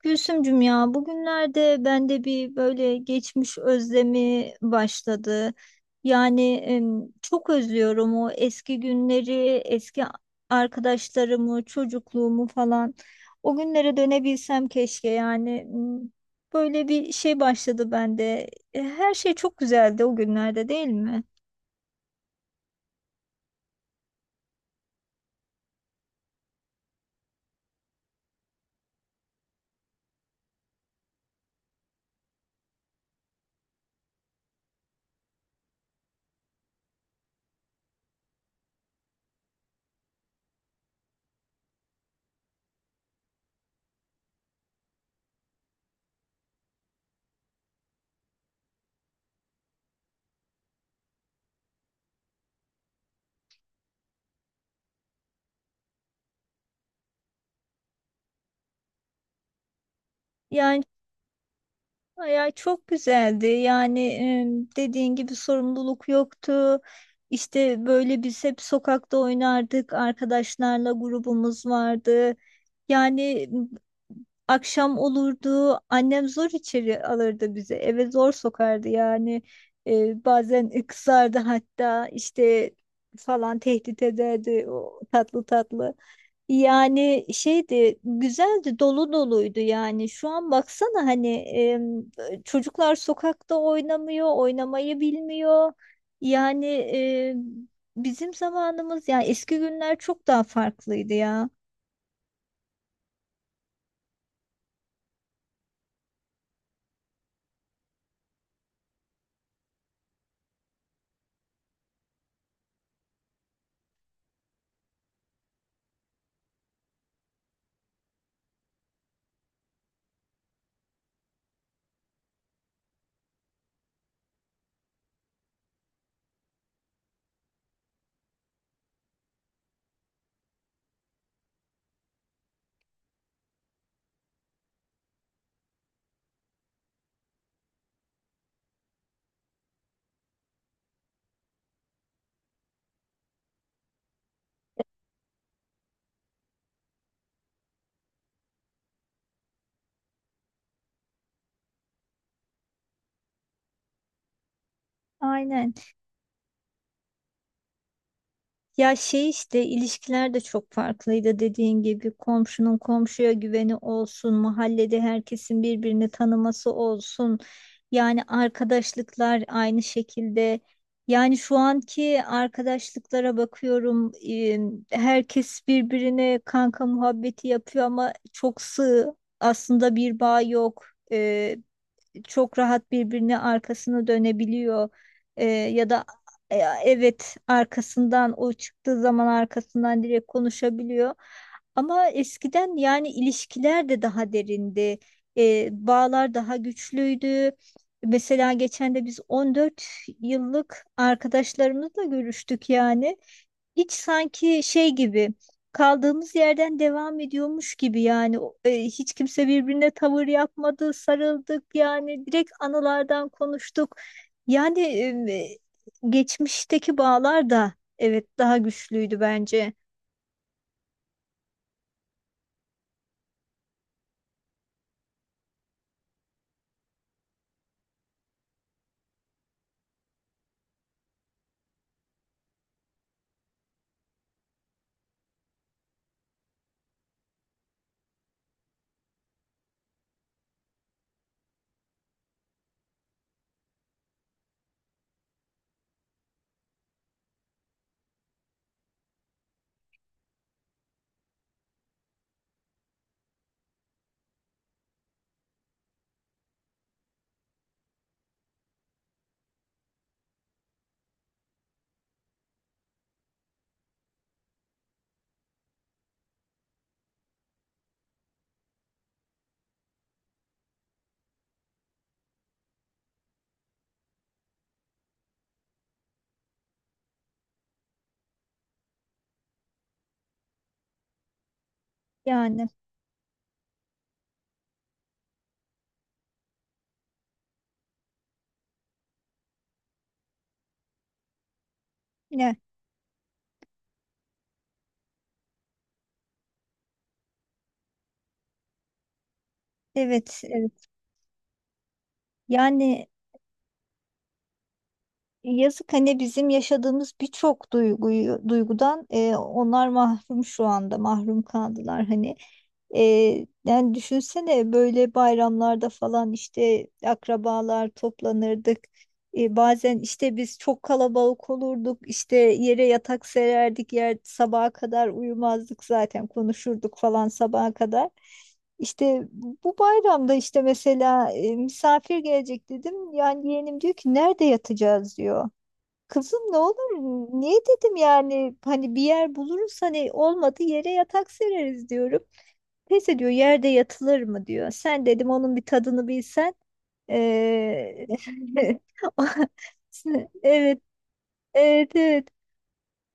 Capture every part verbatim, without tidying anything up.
Gülsümcüm ya bugünlerde bende bir böyle geçmiş özlemi başladı. Yani em, çok özlüyorum o eski günleri, eski arkadaşlarımı, çocukluğumu falan. O günlere dönebilsem keşke yani. M, Böyle bir şey başladı bende. E, Her şey çok güzeldi o günlerde, değil mi? Yani ay, ay, çok güzeldi. Yani e, dediğin gibi sorumluluk yoktu. İşte böyle biz hep sokakta oynardık. Arkadaşlarla grubumuz vardı. Yani m, Akşam olurdu. Annem zor içeri alırdı bizi. Eve zor sokardı yani. E, bazen kızardı hatta, işte falan tehdit ederdi o tatlı tatlı. Yani şeydi, güzeldi, dolu doluydu. Yani şu an baksana, hani em, çocuklar sokakta oynamıyor, oynamayı bilmiyor. yani em, Bizim zamanımız, yani eski günler çok daha farklıydı ya. Aynen. Ya şey, işte ilişkiler de çok farklıydı dediğin gibi, komşunun komşuya güveni olsun, mahallede herkesin birbirini tanıması olsun. Yani arkadaşlıklar aynı şekilde. Yani şu anki arkadaşlıklara bakıyorum, e, herkes birbirine kanka muhabbeti yapıyor ama çok sığ. Aslında bir bağ yok. E, Çok rahat birbirine arkasını dönebiliyor. E, ya da e, evet, arkasından, o çıktığı zaman arkasından direkt konuşabiliyor. Ama eskiden yani ilişkiler de daha derindi. E, bağlar daha güçlüydü. Mesela geçen de biz on dört yıllık arkadaşlarımızla görüştük. Yani hiç sanki şey gibi, kaldığımız yerden devam ediyormuş gibi yani. O- e, hiç kimse birbirine tavır yapmadı, sarıldık, yani direkt anılardan konuştuk. Yani e, Geçmişteki bağlar da evet daha güçlüydü bence. Yani ne evet, evet yani. Yazık, hani bizim yaşadığımız birçok duyguyu duygudan e, onlar mahrum, şu anda mahrum kaldılar hani. E, Yani düşünsene, böyle bayramlarda falan işte akrabalar toplanırdık. E, bazen işte biz çok kalabalık olurduk, işte yere yatak sererdik, yer sabaha kadar uyumazdık, zaten konuşurduk falan sabaha kadar. İşte bu bayramda işte mesela e, misafir gelecek dedim. Yani yeğenim diyor ki, nerede yatacağız diyor. Kızım ne olur, niye dedim, yani hani bir yer buluruz, hani olmadı yere yatak sereriz diyorum. Neyse, diyor, yerde yatılır mı diyor. Sen, dedim, onun bir tadını bilsen. Ee, Evet, evet, evet.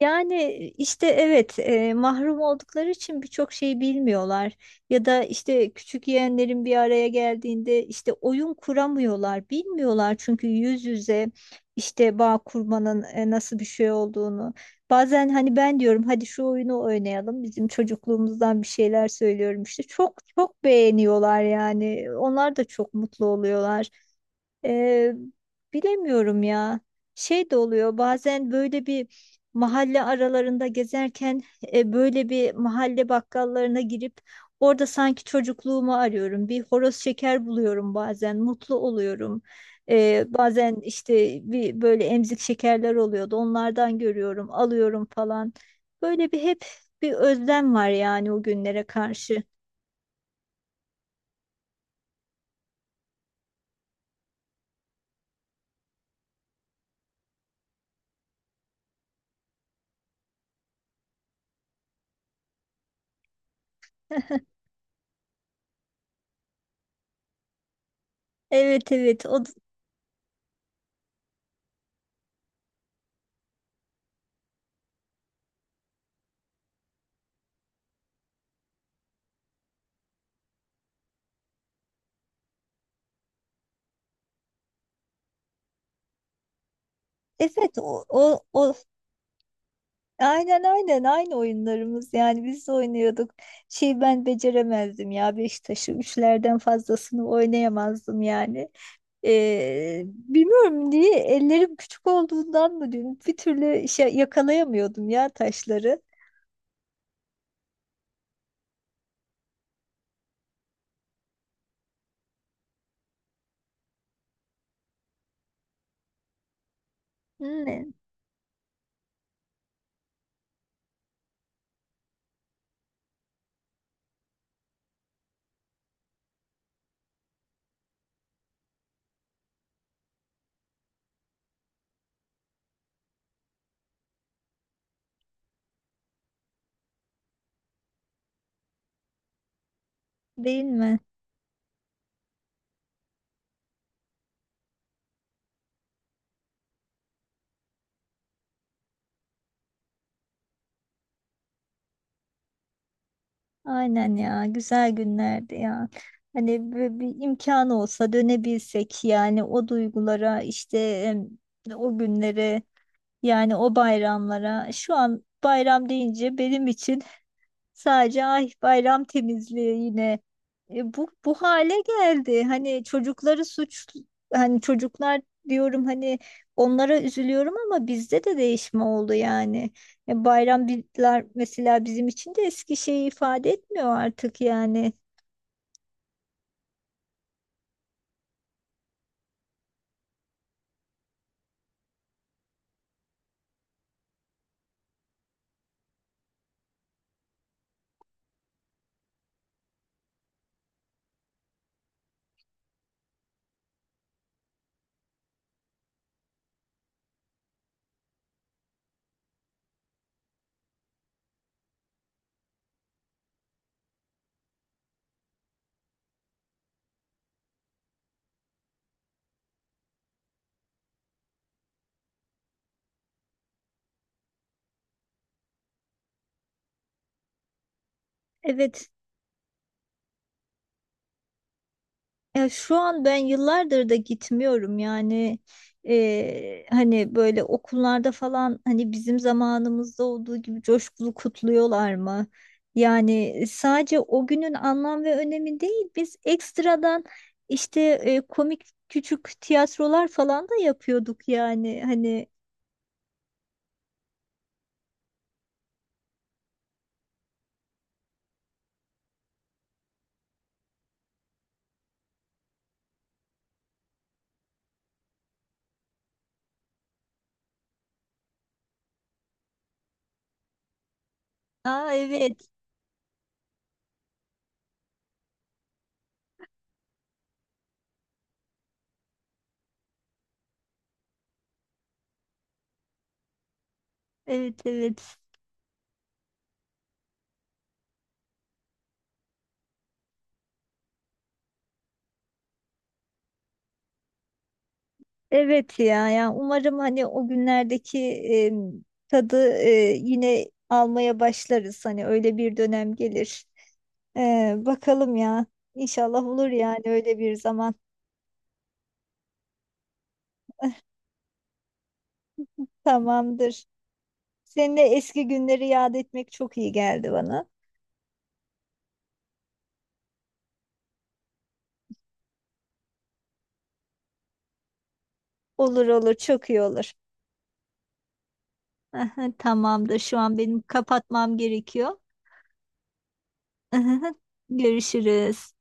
Yani işte evet, e, mahrum oldukları için birçok şeyi bilmiyorlar. Ya da işte küçük yeğenlerin bir araya geldiğinde işte oyun kuramıyorlar, bilmiyorlar, çünkü yüz yüze işte bağ kurmanın e, nasıl bir şey olduğunu. Bazen hani ben diyorum hadi şu oyunu oynayalım, bizim çocukluğumuzdan bir şeyler söylüyorum işte, çok çok beğeniyorlar, yani onlar da çok mutlu oluyorlar. Ee, Bilemiyorum ya. Şey de oluyor bazen, böyle bir mahalle aralarında gezerken, e, böyle bir mahalle bakkallarına girip orada sanki çocukluğumu arıyorum. Bir horoz şeker buluyorum, bazen mutlu oluyorum. Ee, bazen işte bir böyle emzik şekerler oluyordu, onlardan görüyorum, alıyorum falan. Böyle bir hep bir özlem var yani, o günlere karşı. Evet, evet, o evet o, o, o. Aynen, aynen, aynı oyunlarımız, yani biz de oynuyorduk. Şey, ben beceremezdim ya, Beşiktaş'ı üçlerden fazlasını oynayamazdım yani. Ee, bilmiyorum niye, ellerim küçük olduğundan mı diyeyim, bir türlü şey yakalayamıyordum ya, taşları. Ne? Değil mi? Aynen ya, güzel günlerdi ya. Hani bir, bir imkanı olsa dönebilsek, yani o duygulara işte, em, o günlere. Yani o bayramlara, şu an bayram deyince benim için sadece ay bayram temizliği yine. E, bu bu hale geldi. Hani çocukları suç, hani çocuklar diyorum, hani onlara üzülüyorum ama bizde de değişme oldu yani. E, bayram mesela bizim için de eski şeyi ifade etmiyor artık yani. Evet. Ya şu an ben yıllardır da gitmiyorum yani. Eee, hani böyle okullarda falan, hani bizim zamanımızda olduğu gibi coşkulu kutluyorlar mı? Yani e, sadece o günün anlam ve önemi değil, biz ekstradan işte e, komik küçük tiyatrolar falan da yapıyorduk yani hani. Aa evet, evet, evet. Evet ya, yani umarım hani o günlerdeki e, tadı e, yine almaya başlarız. Hani öyle bir dönem gelir. E, bakalım ya. İnşallah olur yani, öyle bir zaman. Tamamdır. Seninle eski günleri yad etmek çok iyi geldi bana. Olur, olur, çok iyi olur. Aha, tamamdır. Şu an benim kapatmam gerekiyor. Aha, görüşürüz.